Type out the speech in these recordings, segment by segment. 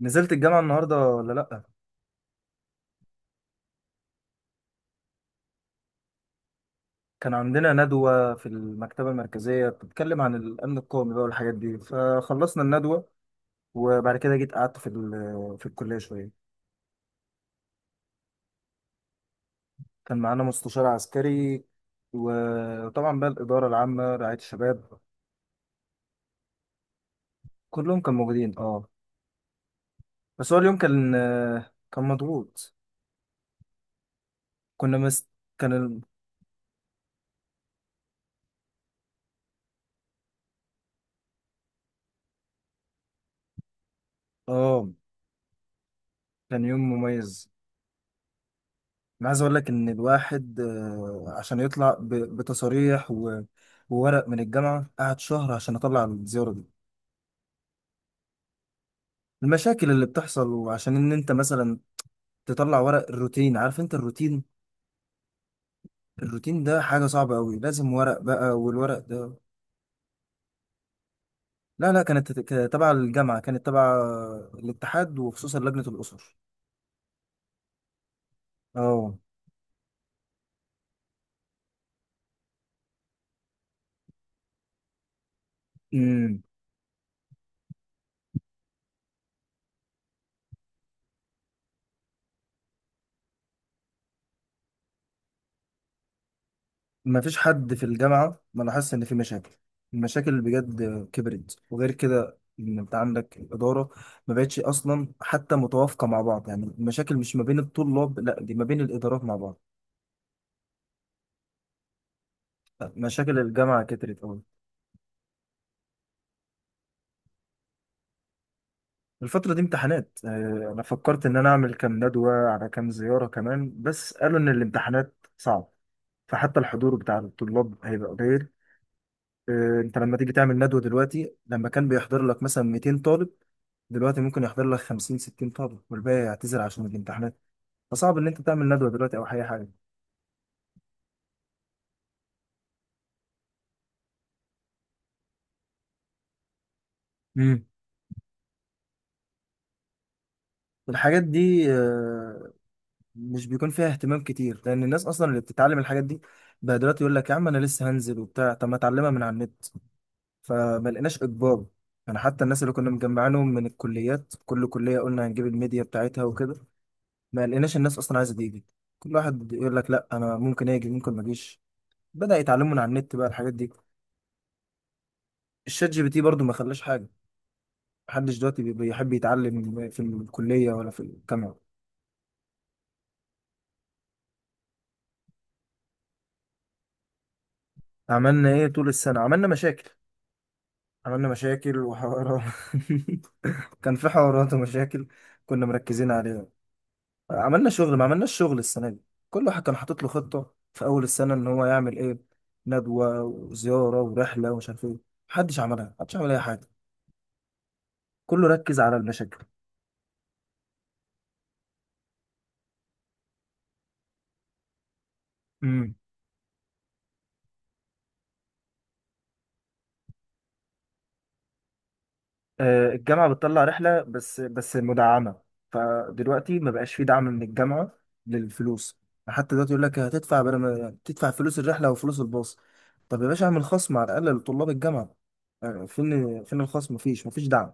نزلت الجامعة النهاردة ولا لأ؟ كان عندنا ندوة في المكتبة المركزية بتتكلم عن الأمن القومي بقى والحاجات دي، فخلصنا الندوة وبعد كده جيت قعدت في الكلية شوية. كان معانا مستشار عسكري، وطبعا بقى الإدارة العامة رعاية الشباب. كلهم كانوا موجودين، اه. بس هو اليوم كان مضغوط. كنا مس كان ال... اه، كان يوم مميز. انا عايز اقول لك ان الواحد، عشان يطلع بتصاريح وورق من الجامعه قعد شهر عشان اطلع الزياره دي. المشاكل اللي بتحصل، وعشان ان انت مثلا تطلع ورق الروتين. عارف انت الروتين؟ الروتين ده حاجه صعبه قوي، لازم ورق بقى، والورق ده... لا لا، كانت تبع الجامعه، كانت تبع الاتحاد وخصوصا لجنه الاسر. اه. إمم. ما فيش حد في الجامعة ما لاحظش إن في مشاكل. المشاكل بجد كبرت، وغير كده إن أنت عندك الإدارة ما بقتش أصلا حتى متوافقة مع بعض. يعني المشاكل مش ما بين الطلاب، لا، دي ما بين الإدارات مع بعض. مشاكل الجامعة كترت أوي. الفترة دي امتحانات، أنا فكرت إن أنا أعمل كام ندوة على كام زيارة كمان، بس قالوا إن الامتحانات صعب، فحتى الحضور بتاع الطلاب هيبقى قليل. أنت لما تيجي تعمل ندوة دلوقتي، لما كان بيحضر لك مثلا 200 طالب، دلوقتي ممكن يحضر لك 50 60 طالب، والباقي يعتذر عشان الامتحانات. فصعب ان انت تعمل ندوه دلوقتي او اي حاجه. امم الحاجات دي، مش بيكون فيها اهتمام كتير، لان الناس اصلا اللي بتتعلم الحاجات دي بقى دلوقتي يقول لك يا عم انا لسه هنزل وبتاع، طب ما اتعلمها من على النت. فما لقيناش اجبار، يعني حتى الناس اللي كنا مجمعينهم من الكليات، كل كليه قلنا هنجيب الميديا بتاعتها وكده، ما لقيناش الناس اصلا عايزه تيجي. كل واحد يقول لك لا، انا ممكن اجي ممكن ما اجيش. بدا يتعلموا من على النت بقى الحاجات دي. الشات GPT برضو ما خلاش حاجه. محدش دلوقتي بيحب يتعلم في الكلية ولا في الجامعة. عملنا ايه طول السنة؟ عملنا مشاكل. عملنا مشاكل وحوارات. كان في حوارات ومشاكل، كنا مركزين عليها. عملنا شغل، ما عملناش شغل السنة دي. كل واحد كان حاطط له خطة في أول السنة إن هو يعمل ايه: ندوة وزيارة ورحلة ومش عارف ايه. محدش عملها، محدش عمل أي حاجة. كله ركز على المشاكل. الجامعة بتطلع رحلة بس مدعمة. فدلوقتي ما بقاش في دعم من الجامعة للفلوس. حتى دلوقتي يقول لك هتدفع، بدل ما تدفع فلوس الرحلة وفلوس الباص. طب يا باشا اعمل خصم على الأقل لطلاب الجامعة. فين الخصم؟ مفيش دعم.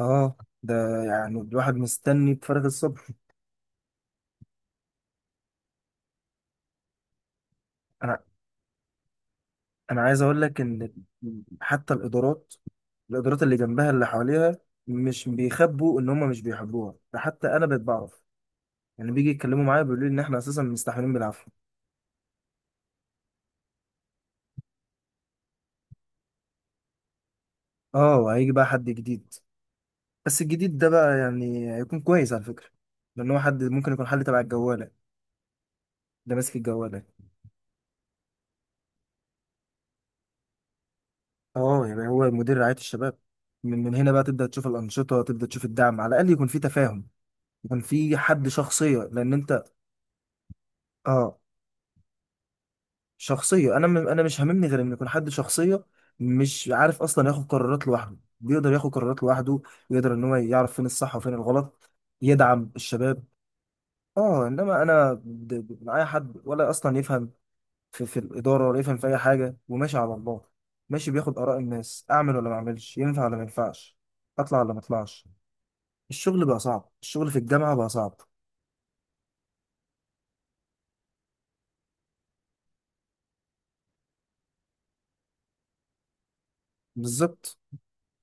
اه. ده يعني الواحد مستني بفارغ الصبر. انا انا عايز اقول لك ان حتى الادارات، الادارات اللي جنبها اللي حواليها مش بيخبوا ان هم مش بيحبوها. ده حتى انا بقيت بعرف، يعني بيجي يتكلموا معايا بيقولوا لي ان احنا اساسا مستحملين بالعافيه. اه، وهيجي بقى حد جديد. بس الجديد ده بقى يعني هيكون كويس على فكره، لان هو حد ممكن يكون حل. تبع الجواله، ده ماسك الجواله. اه، يعني هو مدير رعايه الشباب. من هنا بقى تبدا تشوف الانشطه، تبدا تشوف الدعم، على الاقل يكون في تفاهم، يكون في حد شخصيه. لان انت، اه، شخصيه. انا انا مش هاممني غير ان يكون حد شخصيه، مش عارف اصلا ياخد قرارات لوحده، بيقدر ياخد قرارات لوحده، يقدر ان هو يعرف فين الصح وفين الغلط، يدعم الشباب. اه انما انا معايا حد ولا اصلا يفهم في الاداره، ولا يفهم في اي حاجه، وماشي على الله، ماشي بياخد اراء الناس: اعمل ولا ما اعملش، ينفع ولا ما ينفعش، اطلع ولا ما اطلعش. الشغل بقى صعب، الشغل في الجامعه بقى صعب. بالظبط.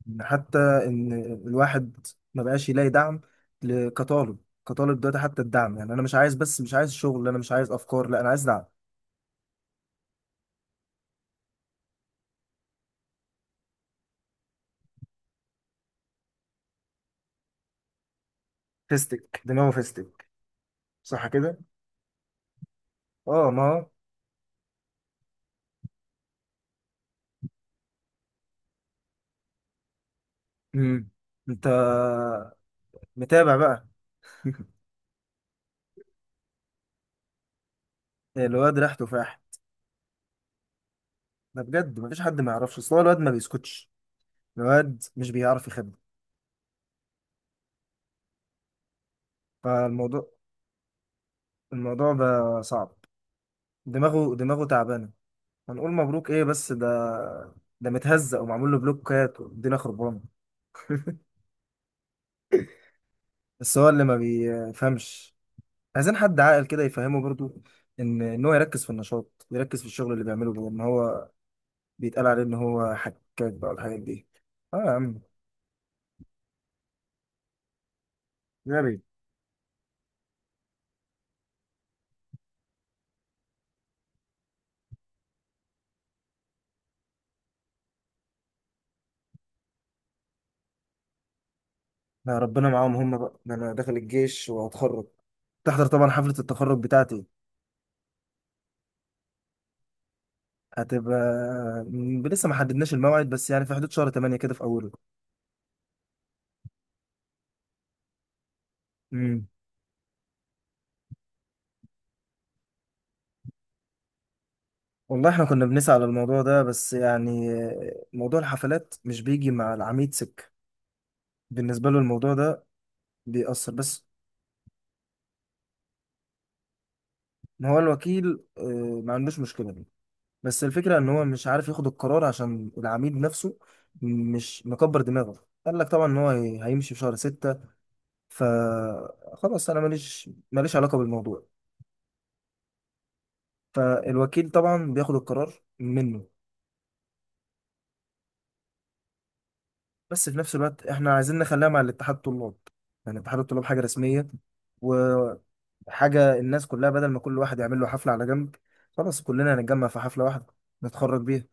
إن حتى ان الواحد ما بقاش يلاقي دعم كطالب. كطالب دلوقتي حتى الدعم، يعني انا مش عايز بس، مش عايز شغل، انا مش عايز افكار، لا، انا عايز دعم. فيستك دماغه فيستك، صح كده؟ اه، ما هو. مم. انت متابع بقى؟ الواد ريحته تفاح. ده بجد مفيش حد ما يعرفش، اصل هو الواد ما بيسكتش، الواد مش بيعرف يخبي. فالموضوع بقى صعب. دماغه تعبانه. هنقول مبروك ايه؟ بس ده متهزق ومعمول له بلوكات والدنيا خربانه. بس هو اللي ما بيفهمش. عايزين حد عاقل كده يفهمه برضو، ان هو يركز في النشاط، يركز في الشغل اللي بيعمله، بدل ما هو بيتقال عليه ان هو حكاك بقى والحاجات دي. اه يا عم. غبي. لا، ربنا معاهم هم بقى. ده انا داخل الجيش وهتخرج، تحضر طبعا حفلة التخرج بتاعتي. هتبقى لسه ما حددناش الموعد، بس يعني في حدود شهر 8 كده في اوله. امم والله احنا كنا بنسعى على الموضوع ده، بس يعني موضوع الحفلات مش بيجي مع العميد. بالنسبة له الموضوع ده بيأثر بس. ما هو الوكيل، ما عندوش مشكلة دي، بس الفكرة ان هو مش عارف ياخد القرار عشان العميد نفسه مش مكبر دماغه، قال لك طبعا ان هو هيمشي في شهر 6. فخلاص انا ماليش علاقه بالموضوع. فالوكيل طبعا بياخد القرار منه. بس في نفس الوقت احنا عايزين نخليها مع الاتحاد الطلاب، يعني اتحاد الطلاب حاجه رسميه وحاجه الناس كلها، بدل ما كل واحد يعمل له حفله على جنب، خلاص كلنا هنتجمع في حفله واحده نتخرج بيها.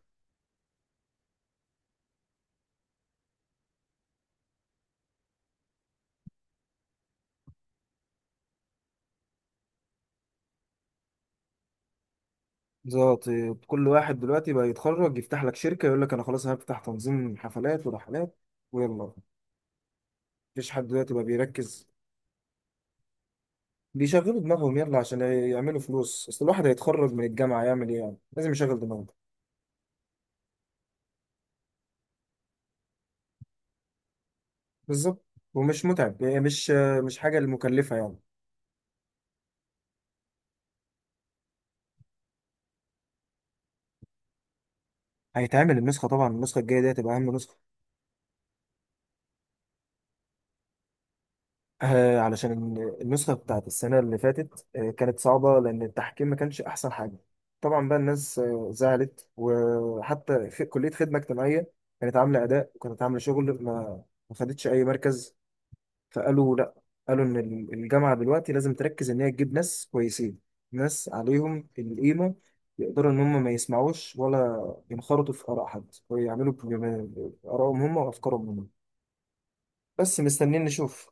بالظبط. كل واحد دلوقتي بقى يتخرج يفتح لك شركه يقول لك انا خلاص هفتح تنظيم حفلات ورحلات، ويلا. مفيش حد دلوقتي بقى بيركز، بيشغلوا دماغهم يلا عشان يعملوا فلوس. اصل الواحد هيتخرج من الجامعة يعمل ايه يعني، لازم يشغل دماغه. بالظبط. ومش متعب يعني، مش حاجة مكلفة يعني. هيتعمل النسخة طبعا، النسخة الجاية دي هتبقى أهم نسخة. آه علشان النسخة بتاعت السنة اللي فاتت كانت صعبة، لأن التحكيم ما كانش أحسن حاجة. طبعا بقى الناس زعلت، وحتى في كلية خدمة اجتماعية كانت عاملة أداء وكانت عاملة شغل، ما خدتش أي مركز. فقالوا لا، قالوا ان الجامعه دلوقتي لازم تركز ان هي تجيب ناس كويسين، ناس عليهم القيمه، يقدروا ان هم ما يسمعوش ولا ينخرطوا في اراء حد، ويعملوا بارائهم هم وافكارهم هم. بس مستنيين نشوف.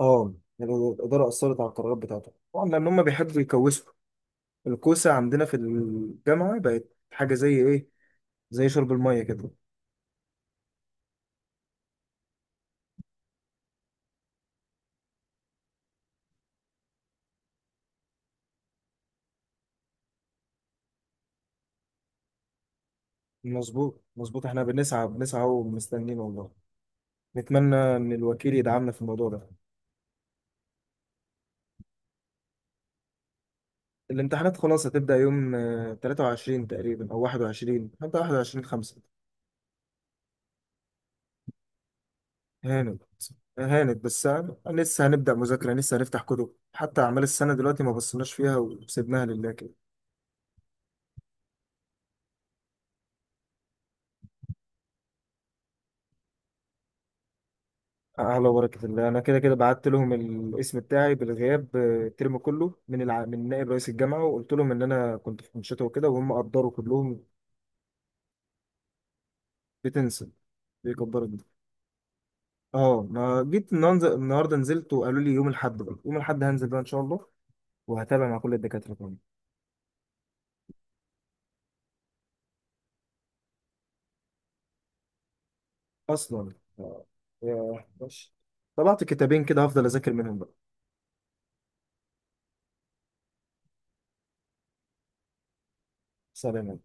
اه. يعني الاداره اثرت على القرارات بتاعتهم طبعا، لان هم بيحبوا يكوسوا. الكوسه عندنا في الجامعه بقت حاجه زي ايه؟ زي شرب الميه كده. مظبوط مظبوط، احنا بنسعى بنسعى ومستنيين والله. نتمنى ان الوكيل يدعمنا في الموضوع ده. الامتحانات خلاص هتبدأ يوم 23 تقريبا أو 21، حتى 21 5. هانت هانت، بس لسه هنبدأ مذاكرة، لسه هنفتح كتب. حتى أعمال السنة دلوقتي ما بصيناش فيها وسيبناها لله كده. أعلى بركة الله. أنا كده كده بعت لهم الاسم بتاعي بالغياب، الترم كله، من نائب رئيس الجامعة، وقلت لهم إن أنا كنت في أنشطة وكده، وهم قدروا كلهم. بتنسى. بيقدروا جدا. اه. ما جيت النهاردة نزلت وقالوا لي يوم الأحد، بقى يوم الأحد هنزل بقى إن شاء الله، وهتابع مع كل الدكاترة. اصلا، آه، يا ماشي. طبعت كتابين كده هفضل اذاكر منهم بقى. سلام